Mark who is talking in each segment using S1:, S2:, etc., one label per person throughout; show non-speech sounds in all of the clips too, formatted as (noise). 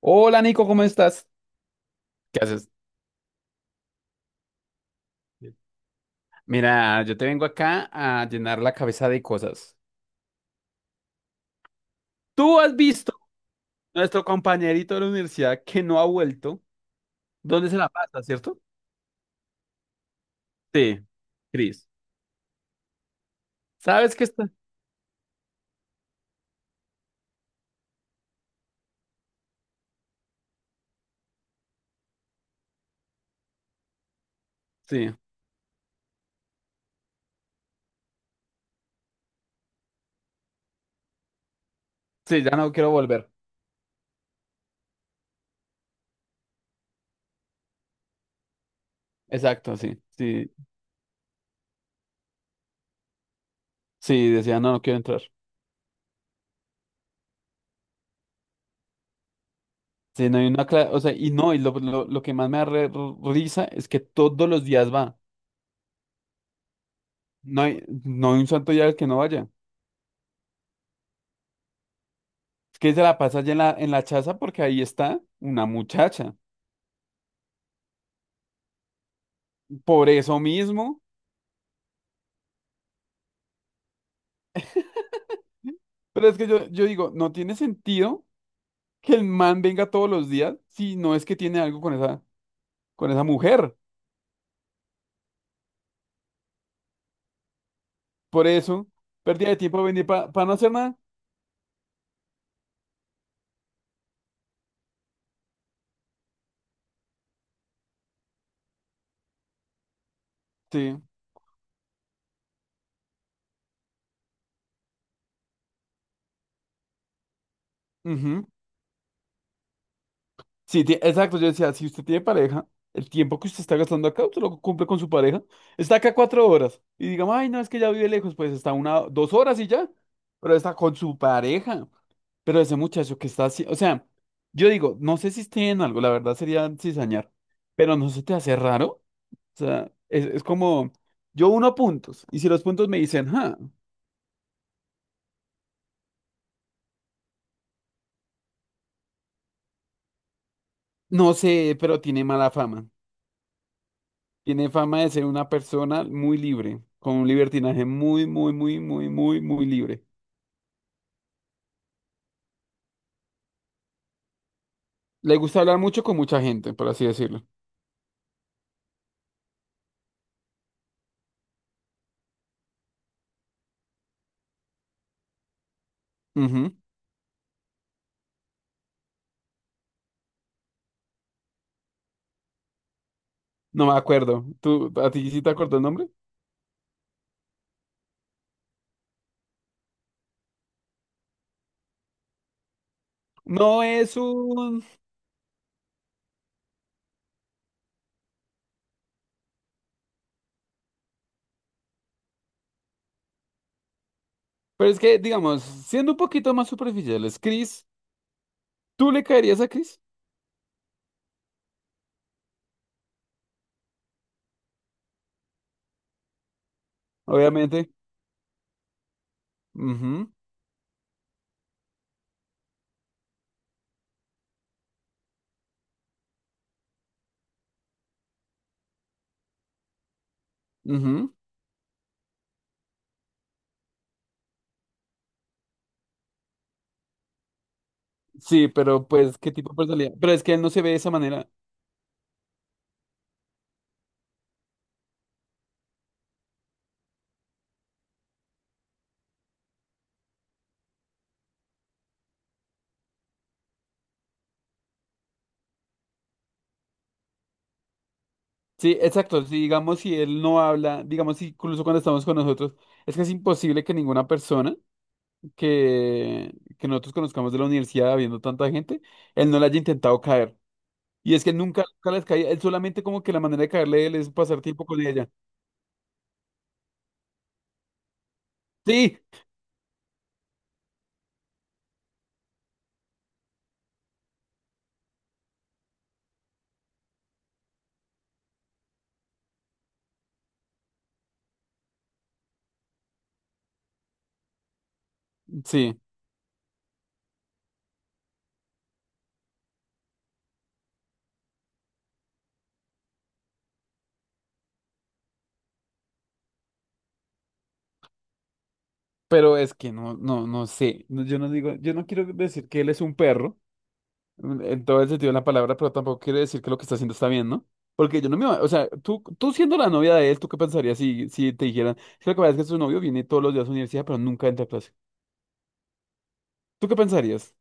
S1: Hola Nico, ¿cómo estás? ¿Qué haces? Mira, yo te vengo acá a llenar la cabeza de cosas. Tú has visto nuestro compañerito de la universidad que no ha vuelto. ¿Dónde se la pasa, cierto? Sí, Cris. ¿Sabes qué está? Sí, sí, ya no quiero volver. Exacto, sí, sí, sí, decía, no, no quiero entrar. Sí, no hay una o sea, y no, y lo que más me da risa es que todos los días va. No hay un santo día al que no vaya. Es que se la pasa allá en la chaza porque ahí está una muchacha. Por eso mismo. Pero es que yo digo, no tiene sentido que el man venga todos los días si no es que tiene algo con esa mujer. Por eso, pérdida de tiempo venir para no hacer nada. Sí. Ujú. Sí, exacto, yo decía, si usted tiene pareja, el tiempo que usted está gastando acá, usted lo cumple con su pareja, está acá 4 horas y digamos, ay, no, es que ya vive lejos, pues está una, 2 horas y ya, pero está con su pareja, pero ese muchacho que está así, o sea, yo digo, no sé si esté en algo, la verdad sería cizañar, pero no se te hace raro, o sea, es como, yo uno puntos y si los puntos me dicen, ah, no sé, pero tiene mala fama. Tiene fama de ser una persona muy libre, con un libertinaje muy, muy, muy, muy, muy, muy libre. Le gusta hablar mucho con mucha gente, por así decirlo. Ujú. No me acuerdo. ¿Tú, a ti sí te acuerdas el nombre? No es un... Pero es que, digamos, siendo un poquito más superficiales, Chris, ¿tú le caerías a Chris? Obviamente. Ujú, ujú. Sí, pero pues, ¿qué tipo de personalidad? Pero es que él no se ve de esa manera. Sí, exacto. Si digamos, si él no habla, digamos, incluso cuando estamos con nosotros, es que es imposible que ninguna persona que nosotros conozcamos de la universidad habiendo tanta gente, él no le haya intentado caer. Y es que nunca, nunca les caía, él solamente como que la manera de caerle a él es pasar tiempo con ella. Sí, sí, pero es que no, no, no sé. No, yo no digo, yo no quiero decir que él es un perro, en todo el sentido de la palabra, pero tampoco quiero decir que lo que está haciendo está bien, ¿no? Porque yo no me, o sea, tú siendo la novia de él, ¿tú qué pensarías si, si te dijeran, es que lo que pasa es que su novio viene todos los días a la universidad, pero nunca entra a clase? ¿Tú qué pensarías?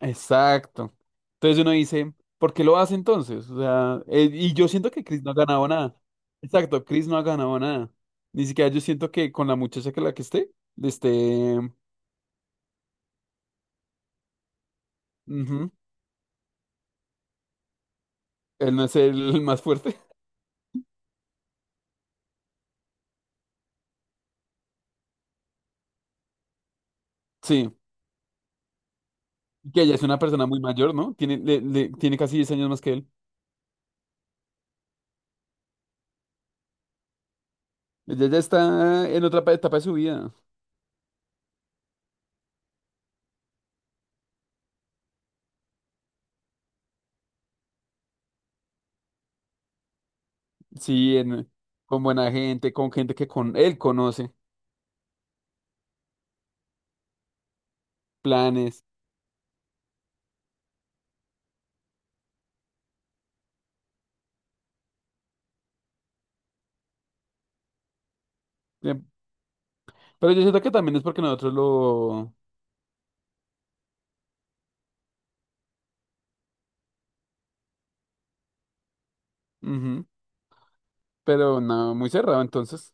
S1: Exacto. Entonces uno dice, ¿por qué lo hace entonces? O sea, y yo siento que Chris no ha ganado nada. Exacto, Chris no ha ganado nada. Ni siquiera yo siento que con la muchacha que la que esté, este, ujú, él no es el más fuerte. (laughs) Sí, que ella es una persona muy mayor, ¿no? Tiene, tiene casi 10 años más que él. Ella ya está en otra etapa de su vida. Sí, en- con buena gente, con gente que con él conoce, planes. Bien. Pero yo siento que también es porque nosotros lo... Ujú. Pero no, muy cerrado entonces.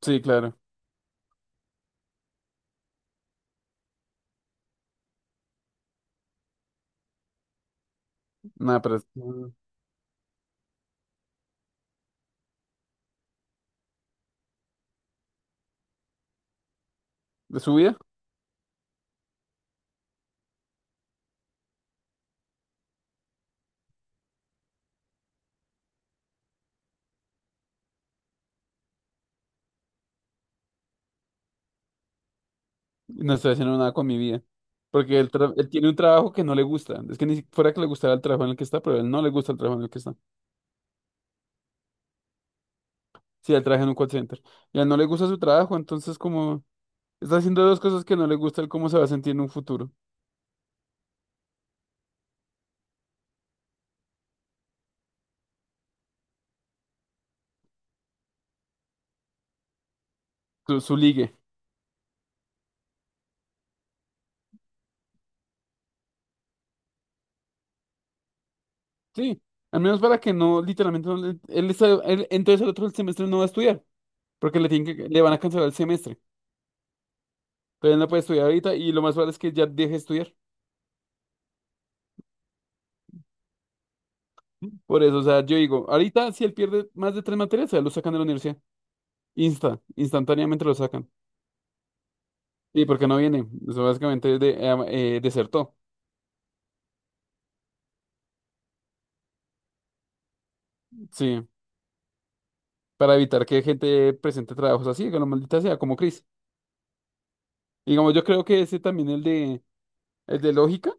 S1: Sí, claro. Nada, pero es- de su vida no estoy haciendo nada con mi vida. Porque él, él tiene un trabajo que no le gusta. Es que ni fuera que le gustara el trabajo en el que está, pero él no le gusta el trabajo en el que está. Sí, él trabaja en un call center. Y a él no le gusta su trabajo, entonces como está haciendo dos cosas que no le gusta, él cómo se va a sentir en un futuro. Su ligue. Sí. Al menos para que no, literalmente, no le- él, está- él- entonces el otro semestre no va a estudiar. Porque le tienen que, le van a cancelar el semestre. Entonces él no puede estudiar ahorita y lo más probable es que ya deje de estudiar. Por eso, o sea, yo digo, ahorita si él pierde más de 3 materias, a él lo sacan de la universidad. Insta, instantáneamente lo sacan. Sí, porque no viene, eso básicamente es de, desertó. Sí, para evitar que gente presente trabajos así, que lo maldita sea, como Chris. Digamos, yo creo que ese también, el de lógica,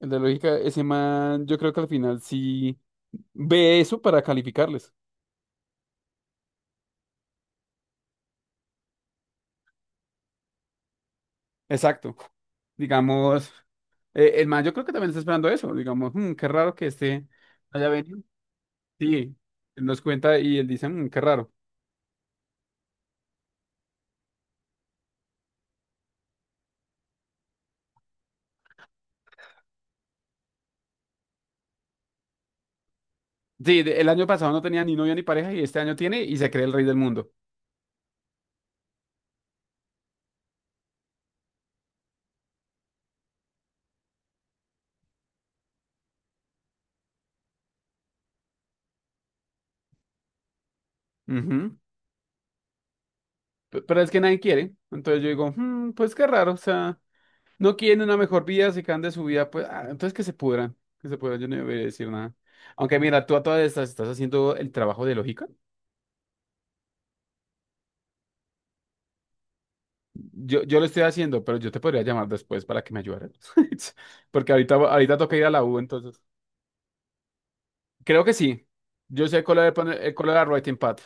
S1: el de lógica, ese man, yo creo que al final sí ve eso para calificarles. Exacto. Digamos, el man, yo creo que también está esperando eso. Digamos, "Mm, qué raro que este haya venido. Sí, él nos cuenta y él dice, "Mm, qué raro. Sí, el año pasado no tenía ni novia ni pareja y este año tiene y se cree el rey del mundo. Ujú. Pero es que nadie quiere. Entonces yo digo, "Mm, pues qué raro, o sea, no quieren una mejor vida, se quedan de su vida, pues, ah, entonces que se pudran, yo no voy a decir nada. Aunque mira, tú a todas estas estás haciendo el trabajo de lógica. Yo lo estoy haciendo, pero yo te podría llamar después para que me ayudaras. (laughs) Porque ahorita, ahorita toca ir a la U, entonces. Creo que sí. Yo sé el color de la writing pad.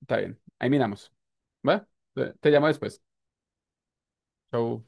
S1: Está bien. Ahí miramos. ¿Va? Te llamo después. Chau.